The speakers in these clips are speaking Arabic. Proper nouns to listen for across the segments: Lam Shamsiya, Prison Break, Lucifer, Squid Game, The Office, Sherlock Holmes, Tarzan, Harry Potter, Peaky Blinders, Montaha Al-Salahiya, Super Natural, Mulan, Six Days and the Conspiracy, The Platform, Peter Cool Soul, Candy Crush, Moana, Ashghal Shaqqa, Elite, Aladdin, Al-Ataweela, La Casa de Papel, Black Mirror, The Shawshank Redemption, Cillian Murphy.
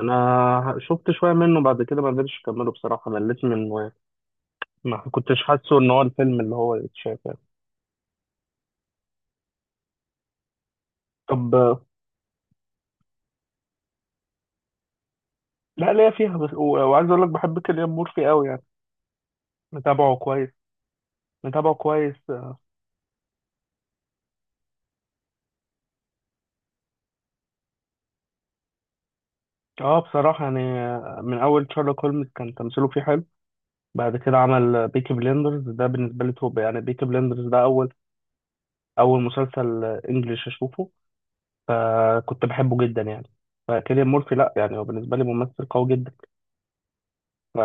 انا شفت شويه منه، بعد كده ما قدرتش اكمله بصراحه، مليت منه يعني. ما كنتش حاسه ان هو الفيلم اللي هو يتشاف يعني. طب لا، ليا فيها بس و- وعايز اقول لك بحب كيليان مورفي قوي يعني. متابعه كويس. متابعه كويس. اه بصراحه يعني، من اول شارلوك هولمز كان تمثيله فيه حلو. بعد كده عمل بيكي بليندرز، ده بالنسبه لي توب يعني. بيكي بليندرز ده اول مسلسل انجليش اشوفه، فكنت بحبه جدا يعني. فكيليان مورفي لا يعني، هو بالنسبه لي ممثل قوي جدا. ف...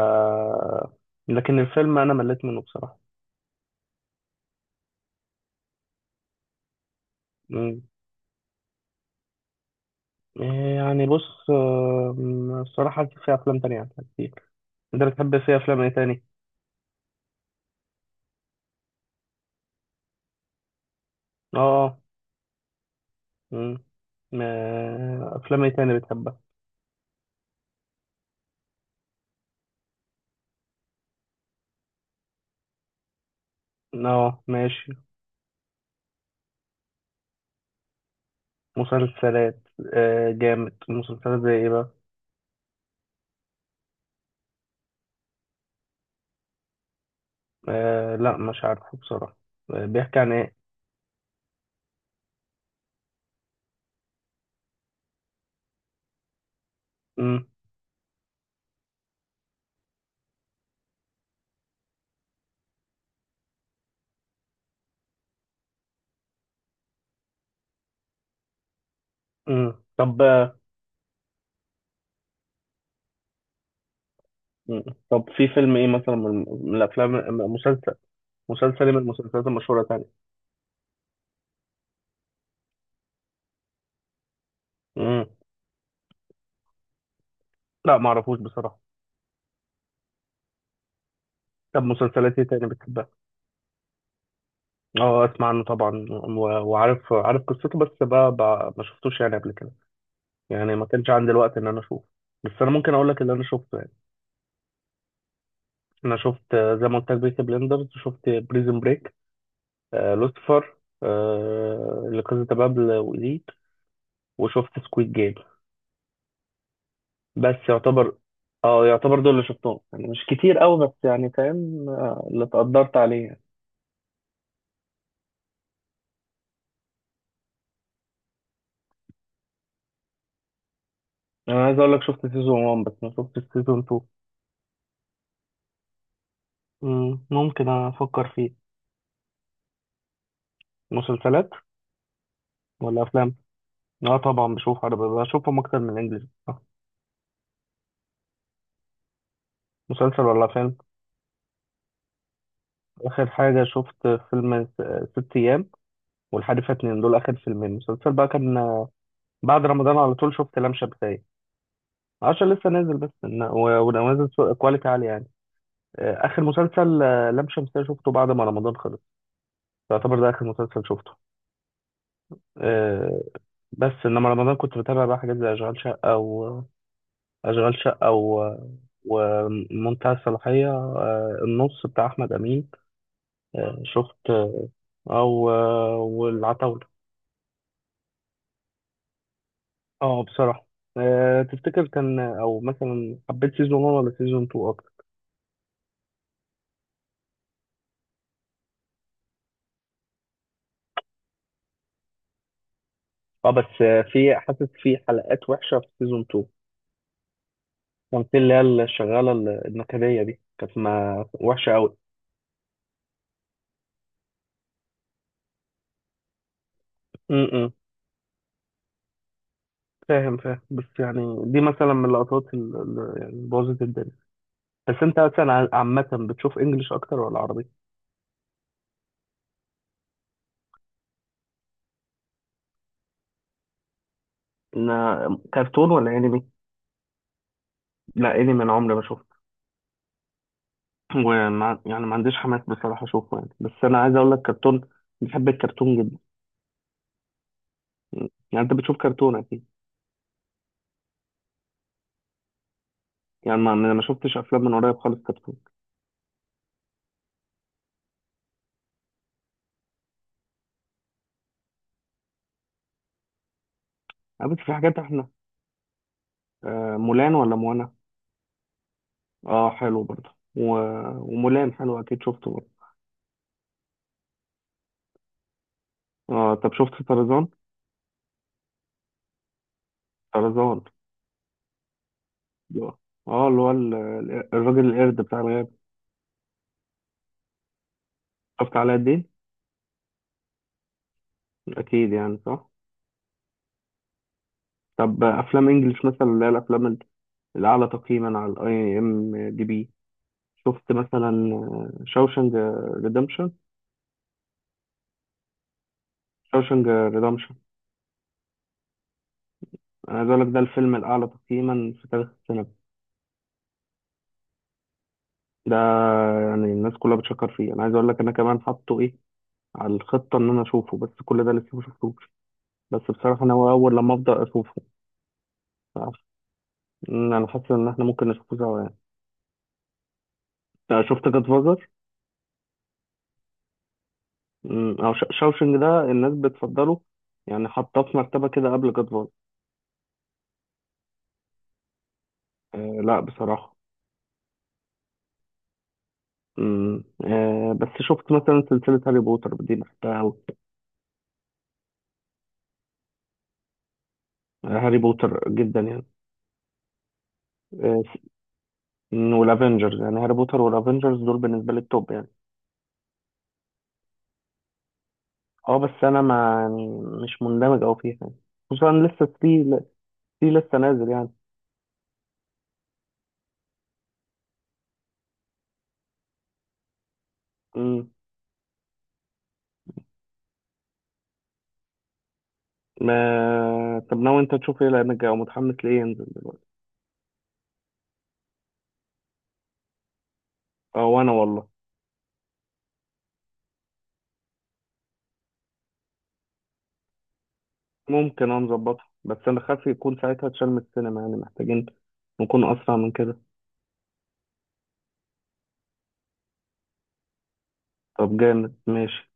لكن الفيلم انا مليت منه بصراحه. مم. إيه يعني؟ بص، الصراحه في افلام تانية أحلى كتير. انت بتحب في افلام ايه تاني؟ اه. مم. افلام ايه تاني بتحبها؟ اه ماشي. مسلسلات. آه جامد، مسلسلات زي ايه بقى؟ آه لا مش عارفه بصراحه. آه، بيحكي عن ايه؟ مم. مم. طب مم. طب في فيلم ايه مثلا، من الافلام؟ مسلسل مسلسل إيه من المسلسلات المشهوره تاني؟ مم. لا ما اعرفوش بصراحه. طب مسلسلات ايه تاني بتحبها؟ اه اسمع عنه طبعا وعارف، عارف قصته، بس بقى ما شفتوش يعني قبل كده، يعني ما كانش عندي الوقت ان انا اشوفه. بس انا ممكن اقول لك اللي انا شفته يعني. انا شفت، زي ما قلت لك، بيكي بلندرز، شفت بريزن بريك، آه لوسيفر، آه لكازا دي بابل، وإليت، وشفت سكويد جيم. بس يعتبر، اه، يعتبر دول اللي شفتهم يعني. مش كتير قوي بس يعني فاهم، اللي تقدرت عليه يعني. انا عايز اقول لك، شفت سيزون 1 بس ما شفتش سيزون 2. مم، ممكن افكر فيه. مسلسلات ولا افلام؟ اه طبعا بشوف عربي، بشوفهم اكتر من انجليزي. مسلسل ولا فيلم؟ اخر حاجه شفت فيلم ست ايام والحريفه اتنين، دول اخر فيلمين. مسلسل بقى كان، بعد رمضان على طول شفت لام شمسية، عشان لسه نازل بس ونازل كواليتي عالي يعني. اخر مسلسل، لام شمسية شفته بعد ما رمضان خلص. يعتبر ده اخر مسلسل شفته. آه، بس انما رمضان كنت بتابع بقى حاجات زي اشغال شقه. أشغال شقة و... ومنتهى الصلاحية، النص بتاع أحمد أمين، شفت، أو والعتاولة. أه بصراحة. تفتكر كان، أو مثلا حبيت سيزون 1 ولا سيزون 2 أكتر؟ أه بس، في، حاسس في حلقات وحشة في سيزون 2. كان في اللي هي الشغالة النكدية دي، كانت ما وحشة أوي. امم. فاهم فاهم، بس يعني دي مثلا من اللقطات اللي يعني بوظت الدنيا. بس انت مثلا، عامة بتشوف انجلش اكتر ولا عربي؟ كرتون ولا انمي؟ لا انمي انا عمري ما شفته. يعني ما عنديش حماس بصراحه اشوفه يعني. بس انا عايز اقول لك، كرتون بحب الكرتون جدا. يعني انت بتشوف كرتون اكيد. يعني ما شفتش افلام من قريب خالص، كرتون يعني. بس في حاجات احنا، آه، مولان ولا موانا؟ اه حلو برضه ومولان حلو اكيد، شفته برضه. اه طب شفت طرزان؟ طرزان. اه. اللي هو الراجل القرد بتاع الغاب. شفت علاء الدين اكيد يعني، صح؟ طب افلام انجلش مثلا، اللي هي الافلام الأعلى تقييما على الأي إم دي بي، شفت مثلا شوشنج ريدمشن؟ شوشنج ريدمشن. أنا عايز أقول لك، ده الفيلم الأعلى تقييما في تاريخ السينما ده. يعني الناس كلها بتشكر فيه. أنا عايز أقول لك، أنا كمان حاطه إيه على الخطة إن أنا أشوفه، بس كل ده لسه ما شفتوش. بس بصراحة أنا هو أول لما أبدأ أشوفه مش عارف. أمم، أنا حاسس إن إحنا ممكن نشوفه سوا يعني. أنت شفت جاد فازر؟ أو شوشنج ده الناس بتفضله، يعني حاطاه في مرتبة كده قبل جاد فازر. أه لا بصراحة. امم، آه بس شفت مثلا سلسلة هاري بوتر دي، بحبها أوي. هاري بوتر جدا يعني. آه س- والافنجرز يعني، هاري بوتر والافنجرز دول بالنسبة لي التوب يعني. اه بس انا ما يعني، مش مندمج أوي فيها يعني. خصوصا لسه في، في لسه نازل يعني. امم. ما طب ناوي انت تشوف ايه، لانك او متحمس ليه ينزل دلوقتي؟ اه وانا والله. ممكن انا نظبطها، بس انا خايف يكون ساعتها اتشال من السينما يعني، محتاجين نكون اسرع من كده. طب جامد ماشي.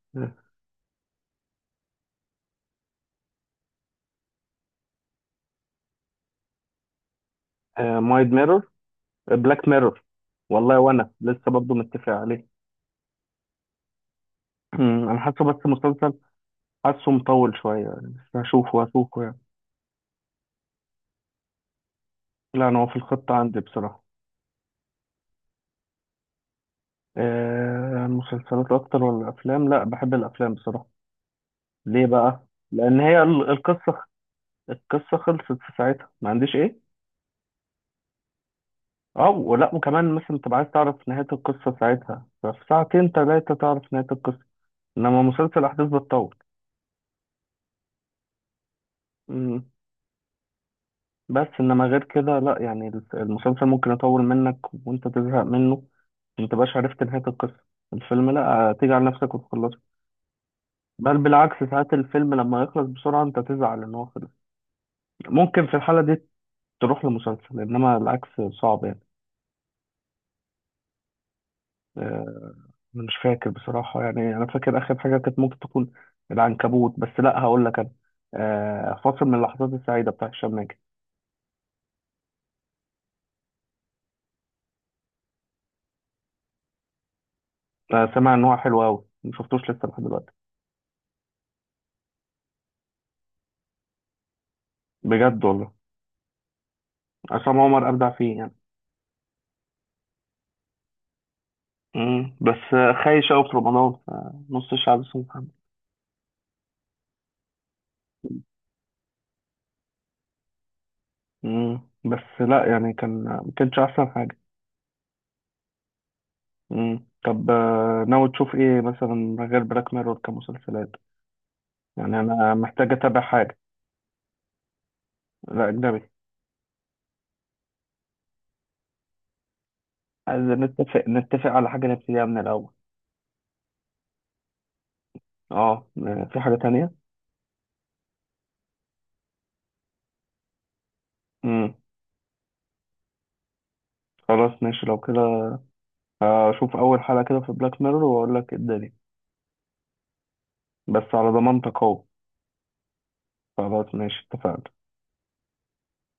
مايد ميرور. بلاك ميرور. والله وانا لسه برضه متفق عليه. أمم، انا حاسه بس مسلسل، حاسه مطول شويه يعني، بس هشوفه، يعني. لا انا هو في الخطه عندي بصراحه. آه مسلسلات اكتر ولا افلام، لا بحب الافلام بصراحه. ليه بقى؟ لان هي القصه. القصه خلصت في ساعتها، ما عنديش ايه. اه ولا وكمان مثلا تبقى عايز تعرف نهايه القصه ساعتها، ففي ساعتين ثلاثه تعرف نهايه القصه، انما مسلسل احداث بتطول. بس انما غير كده لا يعني، المسلسل ممكن يطول منك وانت تزهق منه، ما تبقاش عرفت نهاية القصة. الفيلم لا، تيجي على نفسك وتخلصه. بل بالعكس، ساعات الفيلم لما يخلص بسرعة انت تزعل ان هو خلص. ممكن في الحالة دي تروح لمسلسل، انما العكس صعب يعني. آه، مش فاكر بصراحة يعني. انا فاكر اخر حاجة كانت ممكن تكون العنكبوت، بس لا هقول لك انا، فاصل من اللحظات السعيدة بتاع هشام ماجد. سامع ان هو حلو قوي، مشفتوش لسه لحد دلوقتي. بجد والله. عصام عمر ابدع فيه يعني. مم. بس خايش قوي في رمضان، نص الشعب اسمه محمد. مم. بس لا يعني، كان ما كانش احسن حاجه. مم. طب ناوي تشوف ايه مثلا غير بلاك ميرور كمسلسلات؟ يعني انا محتاج اتابع حاجه. لا اجنبي. عايز نتفق على حاجه نبتديها من الاول. اه في حاجه تانية. مم. خلاص ماشي لو كده، اشوف اول حلقه كده في بلاك ميرور واقول لك إيه الدنيا. بس على ضمانتك اهو. خلاص ماشي، اتفقنا.